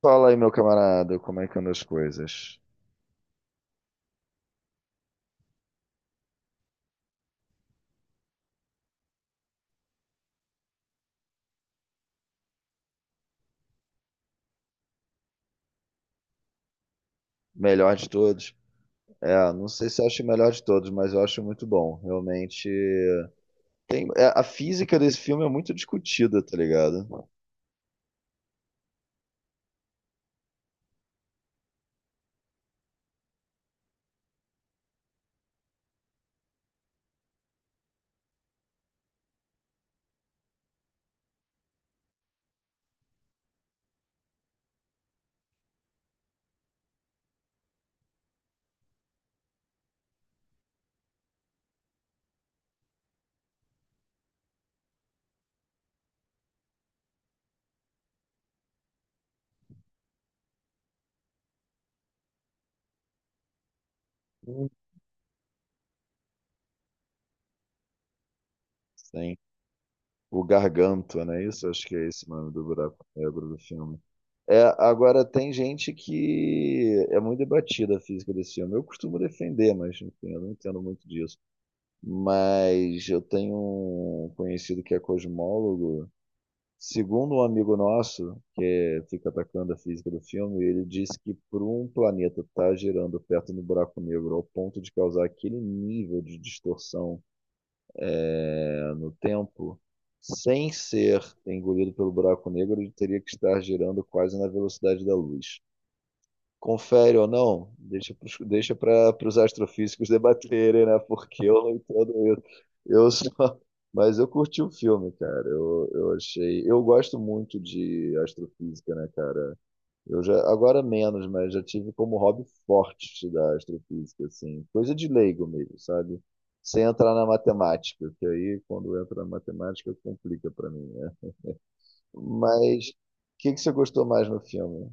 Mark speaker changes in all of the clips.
Speaker 1: Fala aí, meu camarada, como é que andam as coisas? Melhor de todos? É, não sei se eu acho o melhor de todos, mas eu acho muito bom. Realmente, a física desse filme é muito discutida, tá ligado? Hum. Sim. O Gargantua, não é isso? Acho que é esse o nome do buraco negro do filme. É, agora, tem gente que é muito debatida a física desse filme. Eu costumo defender, mas enfim, eu não entendo muito disso. Mas eu tenho um conhecido que é cosmólogo. Segundo um amigo nosso, fica atacando a física do filme, ele diz que para um planeta estar girando perto do buraco negro ao ponto de causar aquele nível de distorção, né, no tempo, sem ser engolido pelo buraco negro, ele teria que estar girando quase na velocidade da luz. Confere ou não, deixa os astrofísicos debaterem, né? Porque eu não entendo isso. Eu só, mas eu curti o filme, cara. Eu achei. Eu gosto muito de astrofísica, né, cara? Eu já, agora menos, mas já tive como hobby forte da astrofísica, assim. Coisa de leigo mesmo, sabe? Sem entrar na matemática, que aí quando entra na matemática complica para mim, né? Mas o que que você gostou mais no filme?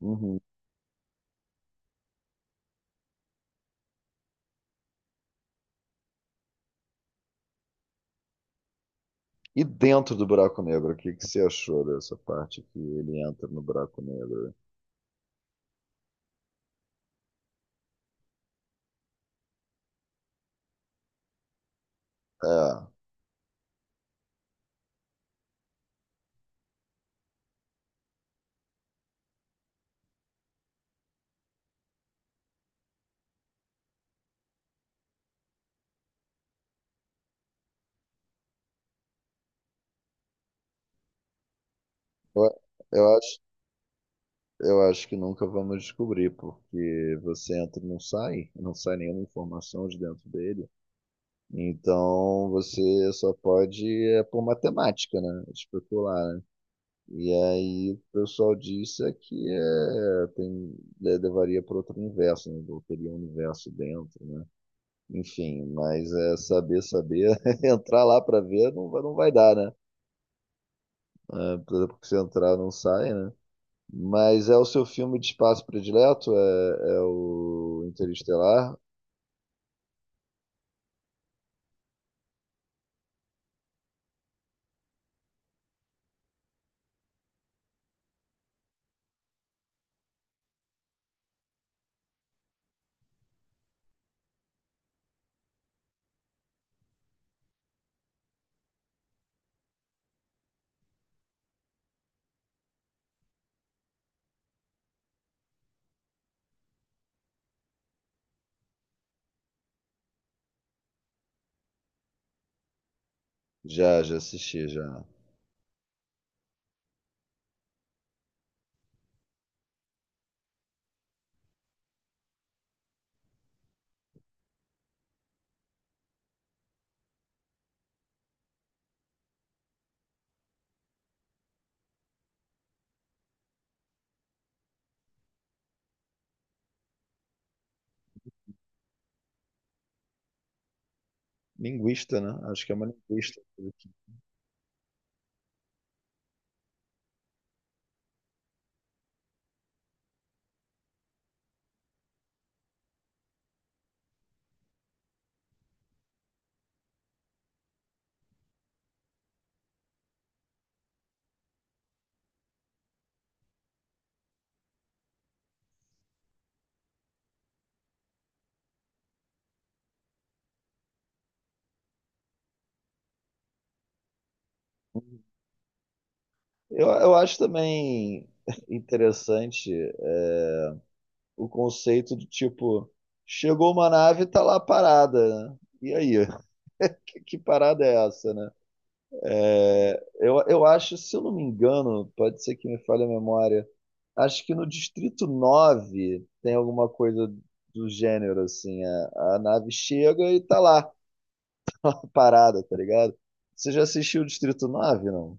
Speaker 1: Uhum. E dentro do buraco negro, o que que você achou dessa parte que ele entra no buraco negro? É, eu, eu acho, eu acho que nunca vamos descobrir, porque você entra e não sai nenhuma informação de dentro dele. Então você só pode, é por matemática, né? Especular, né? E aí o pessoal disse é que é, levaria para outro universo, né? Teria um universo dentro, né? Enfim, mas é saber, saber, entrar lá para ver não, não vai dar, né? É, porque se entrar não sai, né? Mas é o seu filme de espaço predileto? É o Interestelar? Já, já assisti, já. Linguista, né? Acho que é uma linguista. Eu acho também interessante o conceito de tipo, chegou uma nave e tá lá parada, né? E aí, que parada é essa, né? É, eu acho, se eu não me engano, pode ser que me falhe a memória, acho que no Distrito 9 tem alguma coisa do gênero, assim, a nave chega e tá lá, parada, tá ligado? Você já assistiu o Distrito 9 não?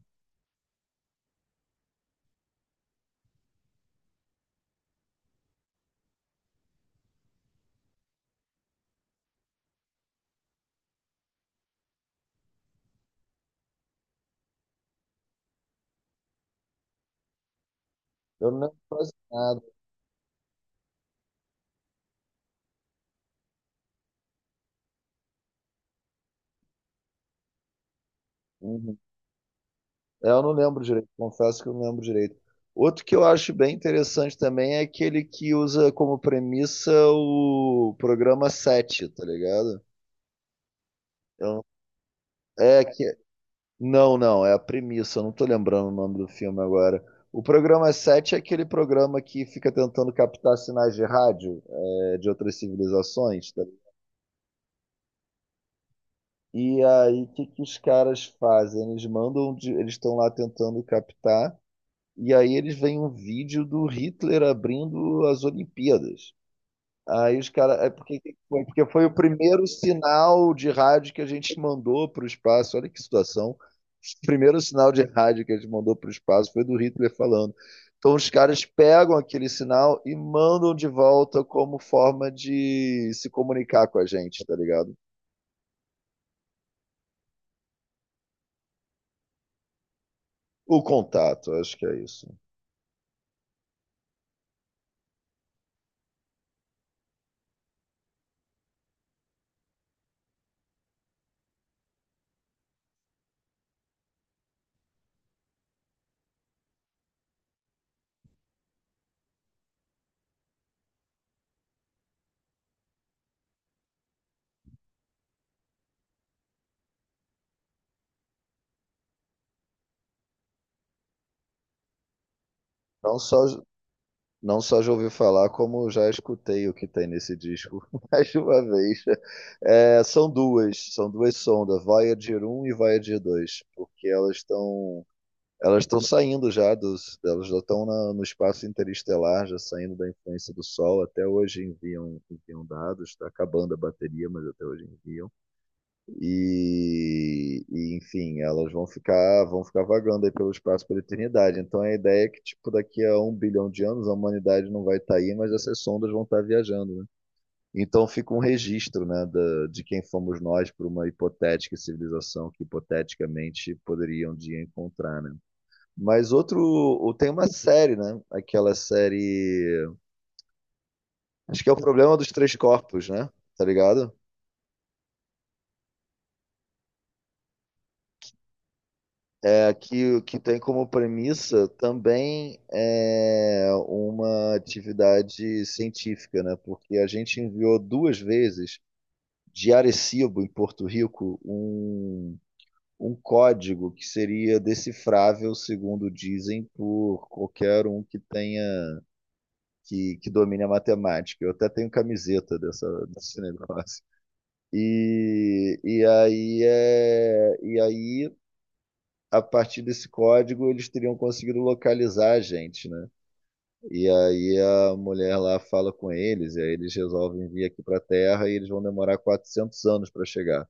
Speaker 1: Eu não lembro quase nada. Uhum. É, eu não lembro direito, confesso que eu não lembro direito. Outro que eu acho bem interessante também é aquele que usa como premissa o programa 7, tá ligado? Eu- é, que Não, não, é a premissa, eu não tô lembrando o nome do filme agora. O programa 7 é aquele programa que fica tentando captar sinais de rádio, de outras civilizações, tá? E aí, o que que os caras fazem? Eles mandam, eles estão lá tentando captar, e aí eles veem um vídeo do Hitler abrindo as Olimpíadas. Aí os caras. É porque, porque foi o primeiro sinal de rádio que a gente mandou para o espaço. Olha que situação. O primeiro sinal de rádio que a gente mandou para o espaço foi do Hitler falando. Então os caras pegam aquele sinal e mandam de volta como forma de se comunicar com a gente, tá ligado? O contato, acho que é isso. Então só, Não só já ouvi falar, como já escutei o que tem nesse disco mais de uma vez. É, são duas sondas, Voyager 1 e Voyager 2, porque elas estão saindo já dos, elas já estão no espaço interestelar, já saindo da influência do Sol. Até hoje enviam, dados, está acabando a bateria, mas até hoje enviam. Enfim, elas vão ficar vagando aí pelo espaço pela eternidade. Então a ideia é que, tipo, daqui a um bilhão de anos a humanidade não vai estar aí, mas essas sondas vão estar viajando, né? Então fica um registro, né, de quem fomos nós para uma hipotética civilização que hipoteticamente poderia um dia encontrar, né? Mas outro, tem uma série, né? Aquela série, acho que é o problema dos três corpos, né? Tá ligado? Que tem como premissa também uma atividade científica, né? Porque a gente enviou duas vezes de Arecibo, em Porto Rico, um código que seria decifrável, segundo dizem, por qualquer um que tenha que domine a matemática. Eu até tenho camiseta dessa, desse negócio. E aí a partir desse código eles teriam conseguido localizar a gente, né? E aí a mulher lá fala com eles, e aí eles resolvem vir aqui para a Terra e eles vão demorar 400 anos para chegar.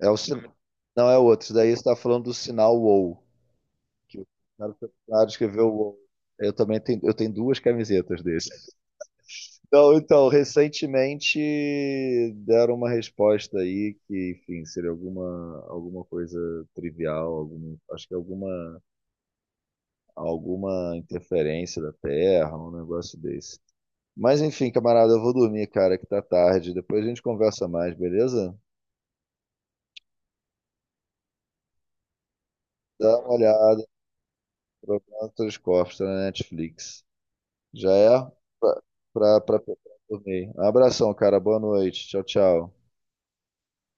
Speaker 1: É o sin- Não é outro, isso daí você está falando do sinal WoW, que o cara foi lá escrever o WoW. Eu também tenho duas camisetas desse. Então, recentemente deram uma resposta aí que, enfim, seria alguma coisa trivial, algum, acho que alguma interferência da Terra, um negócio desse. Mas enfim, camarada, eu vou dormir, cara, que tá tarde. Depois a gente conversa mais, beleza? Dá uma olhada no Telescópio, tá na Netflix. Já é pra, pra dormir. Um abração, cara. Boa noite. Tchau, tchau.